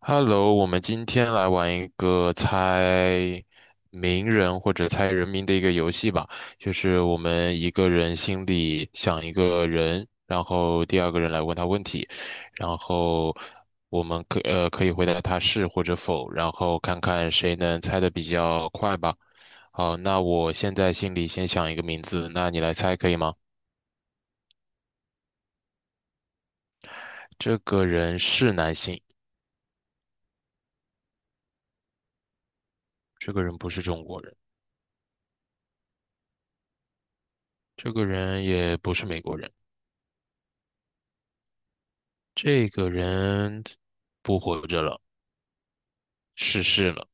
Hello，我们今天来玩一个猜名人或者猜人名的一个游戏吧。就是我们一个人心里想一个人，然后第二个人来问他问题，然后我们可以回答他是或者否，然后看看谁能猜的比较快吧。好，那我现在心里先想一个名字，那你来猜可以吗？这个人是男性，这个人不是中国人，这个人也不是美国人。这个人不活着了，逝世了。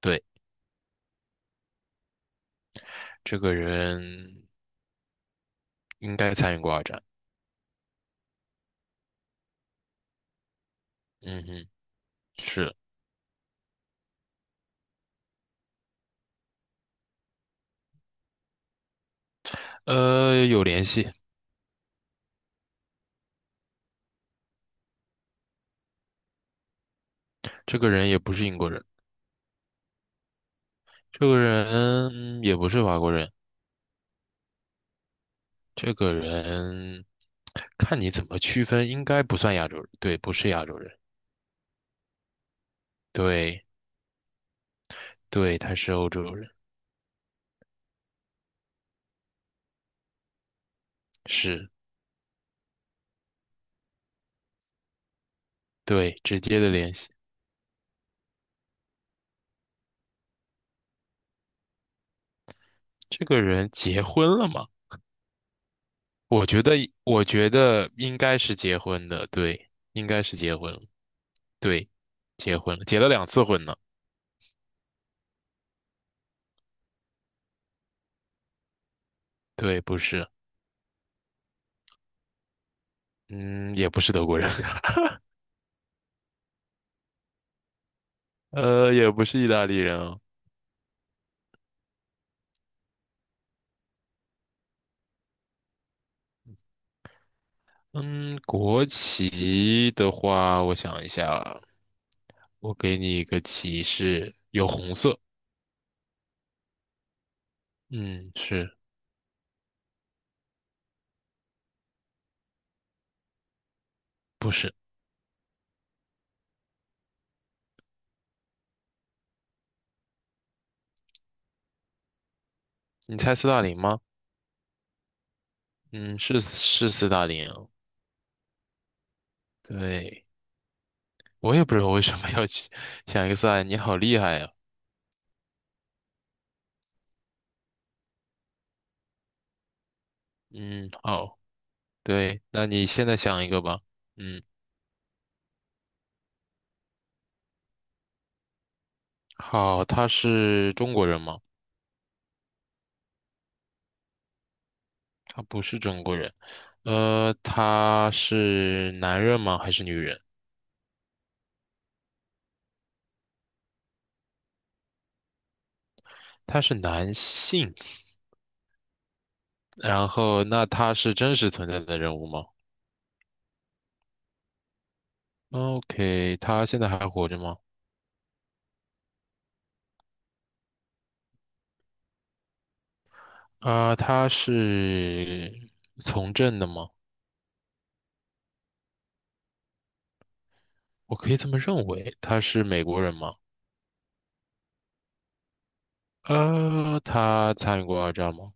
对，这个人应该参与过二战。嗯哼，是，有联系。这个人也不是英国人，这个人也不是法国人，这个人看你怎么区分，应该不算亚洲人。对，不是亚洲人。对，对，他是欧洲人。是，对，直接的联系。这个人结婚了吗？我觉得，我觉得应该是结婚的，对，应该是结婚了，对，结婚了，结了两次婚呢，对，不是，嗯，也不是德国人，也不是意大利人啊。嗯，国旗的话，我想一下啊。我给你一个提示，有红色，嗯，是。不是？你猜斯大林吗？嗯，是斯大林啊，对，我也不知道为什么要去 想一个斯大林，你好厉害呀、嗯，好。对，那你现在想一个吧。嗯，好，他是中国人吗？他不是中国人。他是男人吗？还是女人？他是男性。然后，那他是真实存在的人物吗？OK，他现在还活着吗？啊、他是从政的吗？我可以这么认为。他是美国人吗？他参与过二战吗？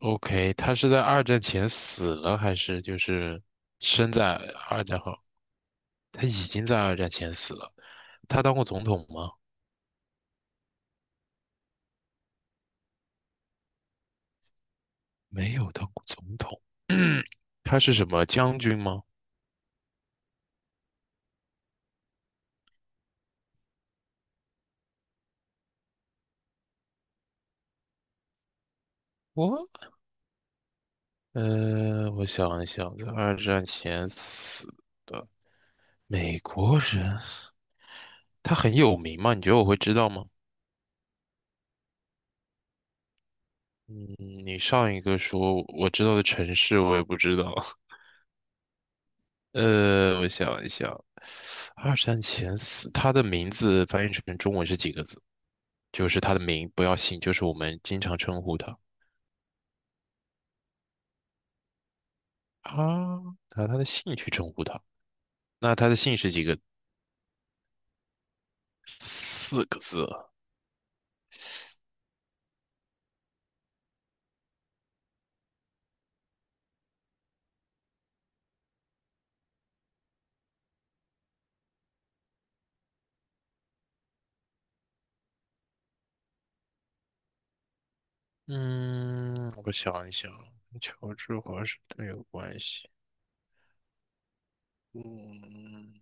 OK，他是在二战前死了，还是就是生在二战后？他已经在二战前死了。他当过总统吗？没有当过总统。他是什么将军吗？我我想一想，在二战前死的美国人，他很有名吗？你觉得我会知道吗？嗯，你上一个说我知道的城市，我也不知道。我想一想，二战前四，他的名字翻译成中文是几个字？就是他的名，不要姓，就是我们经常称呼他。啊，拿他的姓去称呼他。那他的姓是几个？四个字啊。嗯，我想一想，跟乔治华盛顿有关系。嗯，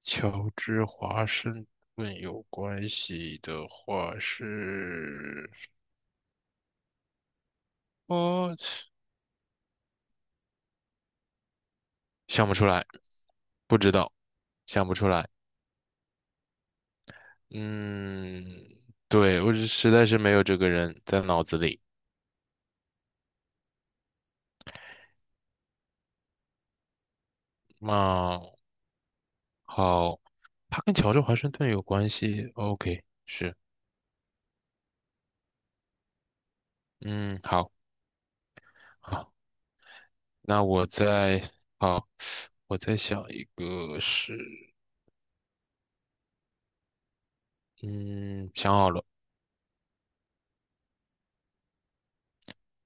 乔治华盛顿有关系的话是，哦，想不出来。不知道，想不出来。嗯，对，我是实在是没有这个人在脑子里。那好，他跟乔治华盛顿有关系。OK，是，嗯，好，好，那我再，好，我再想一个是，嗯，想好了，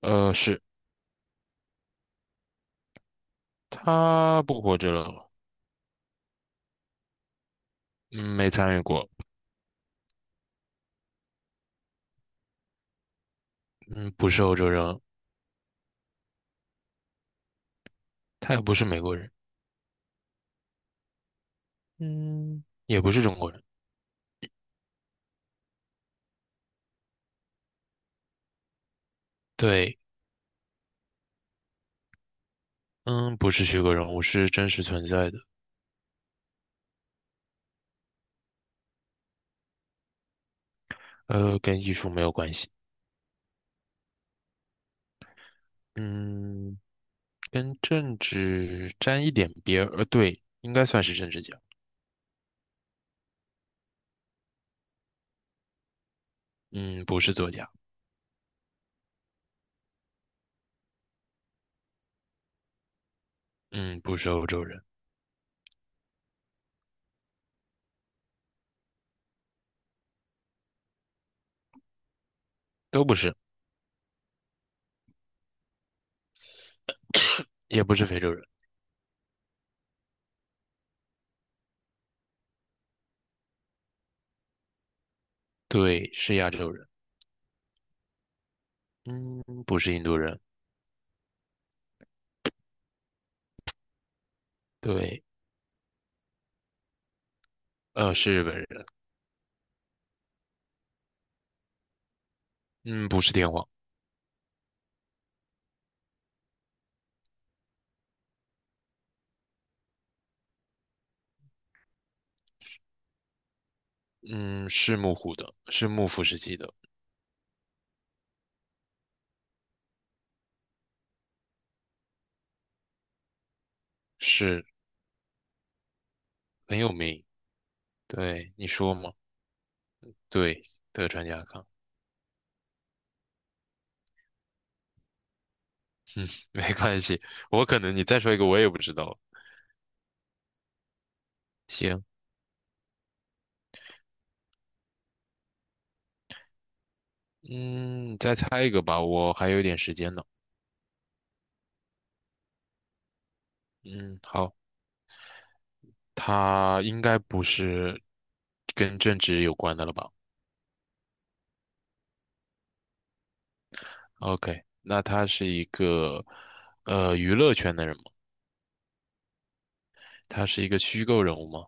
是。他不活着了，嗯，没参与过，嗯，不是欧洲人，他也不是美国人，嗯，也不是中国人，对。嗯，不是虚构人物，是真实存在的，跟艺术没有关系，嗯，跟政治沾一点边儿，对，应该算是政治家，嗯，不是作家，嗯，不是欧洲人，都不是，也不是非洲人，对，是亚洲人，嗯，不是印度人，对，是日本人，嗯，不是天皇，嗯，是幕府的，是幕府时期的，是。很有名，对，你说嘛，对，德川家康，没关系，我可能你再说一个我也不知道。行，嗯，再猜一个吧，我还有一点时间呢。嗯，好，他应该不是跟政治有关的了吧？OK，那他是一个娱乐圈的人吗？他是一个虚构人物吗？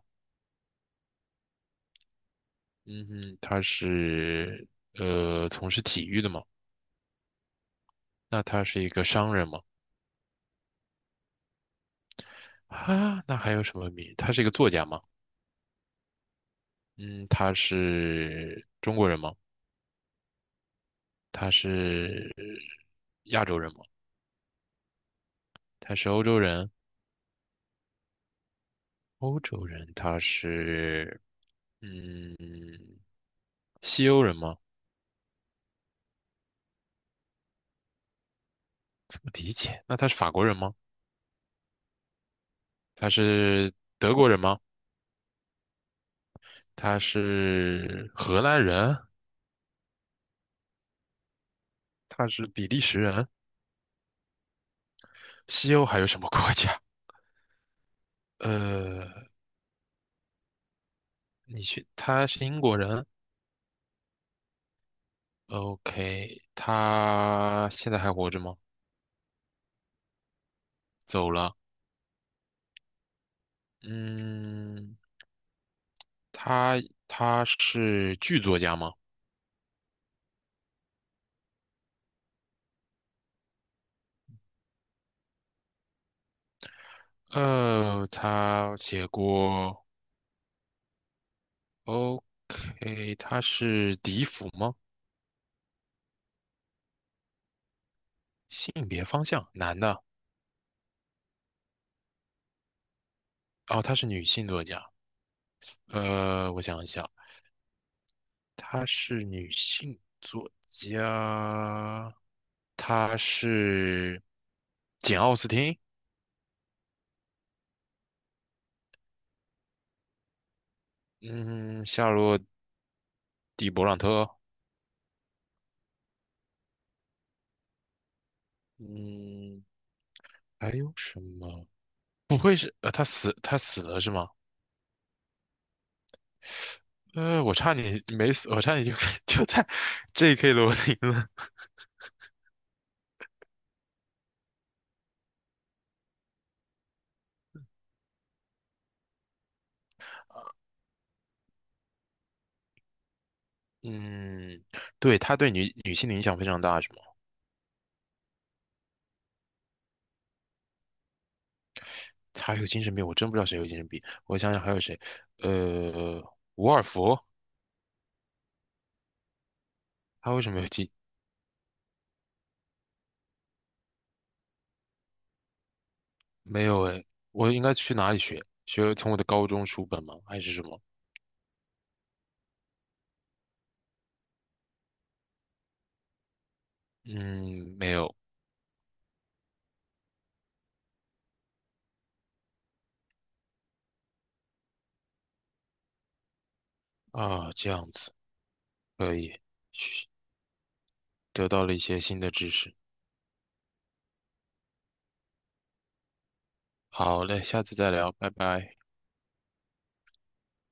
嗯哼，他是从事体育的吗？那他是一个商人吗？啊，那还有什么名？他是一个作家吗？嗯，他是中国人吗？他是亚洲人吗？他是欧洲人？欧洲人他是嗯西欧人吗？怎么理解？那他是法国人吗？他是德国人吗？他是荷兰人？他是比利时人？西欧还有什么国家？呃，你去，他是英国人？OK，他现在还活着吗？走了。嗯，他他是剧作家吗？呃，他写过。OK，她是笛福吗？性别方向，男的。哦，她是女性作家。我想一想，她是女性作家，她是简·奥斯汀，嗯，夏洛蒂·勃朗特，嗯，还有什么？不会是，她死了是吗？我差点没死，我差点就 就在 J.K. 罗琳了。嗯，对，他对女女性的影响非常大，是吗？他还有精神病，我真不知道谁有精神病。我想想还有谁，呃，伍尔夫，他为什么有精？没有哎，我应该去哪里学？学从我的高中书本吗？还是什么？嗯，没有啊，这样子可以，学得到了一些新的知识。好嘞，下次再聊，拜拜。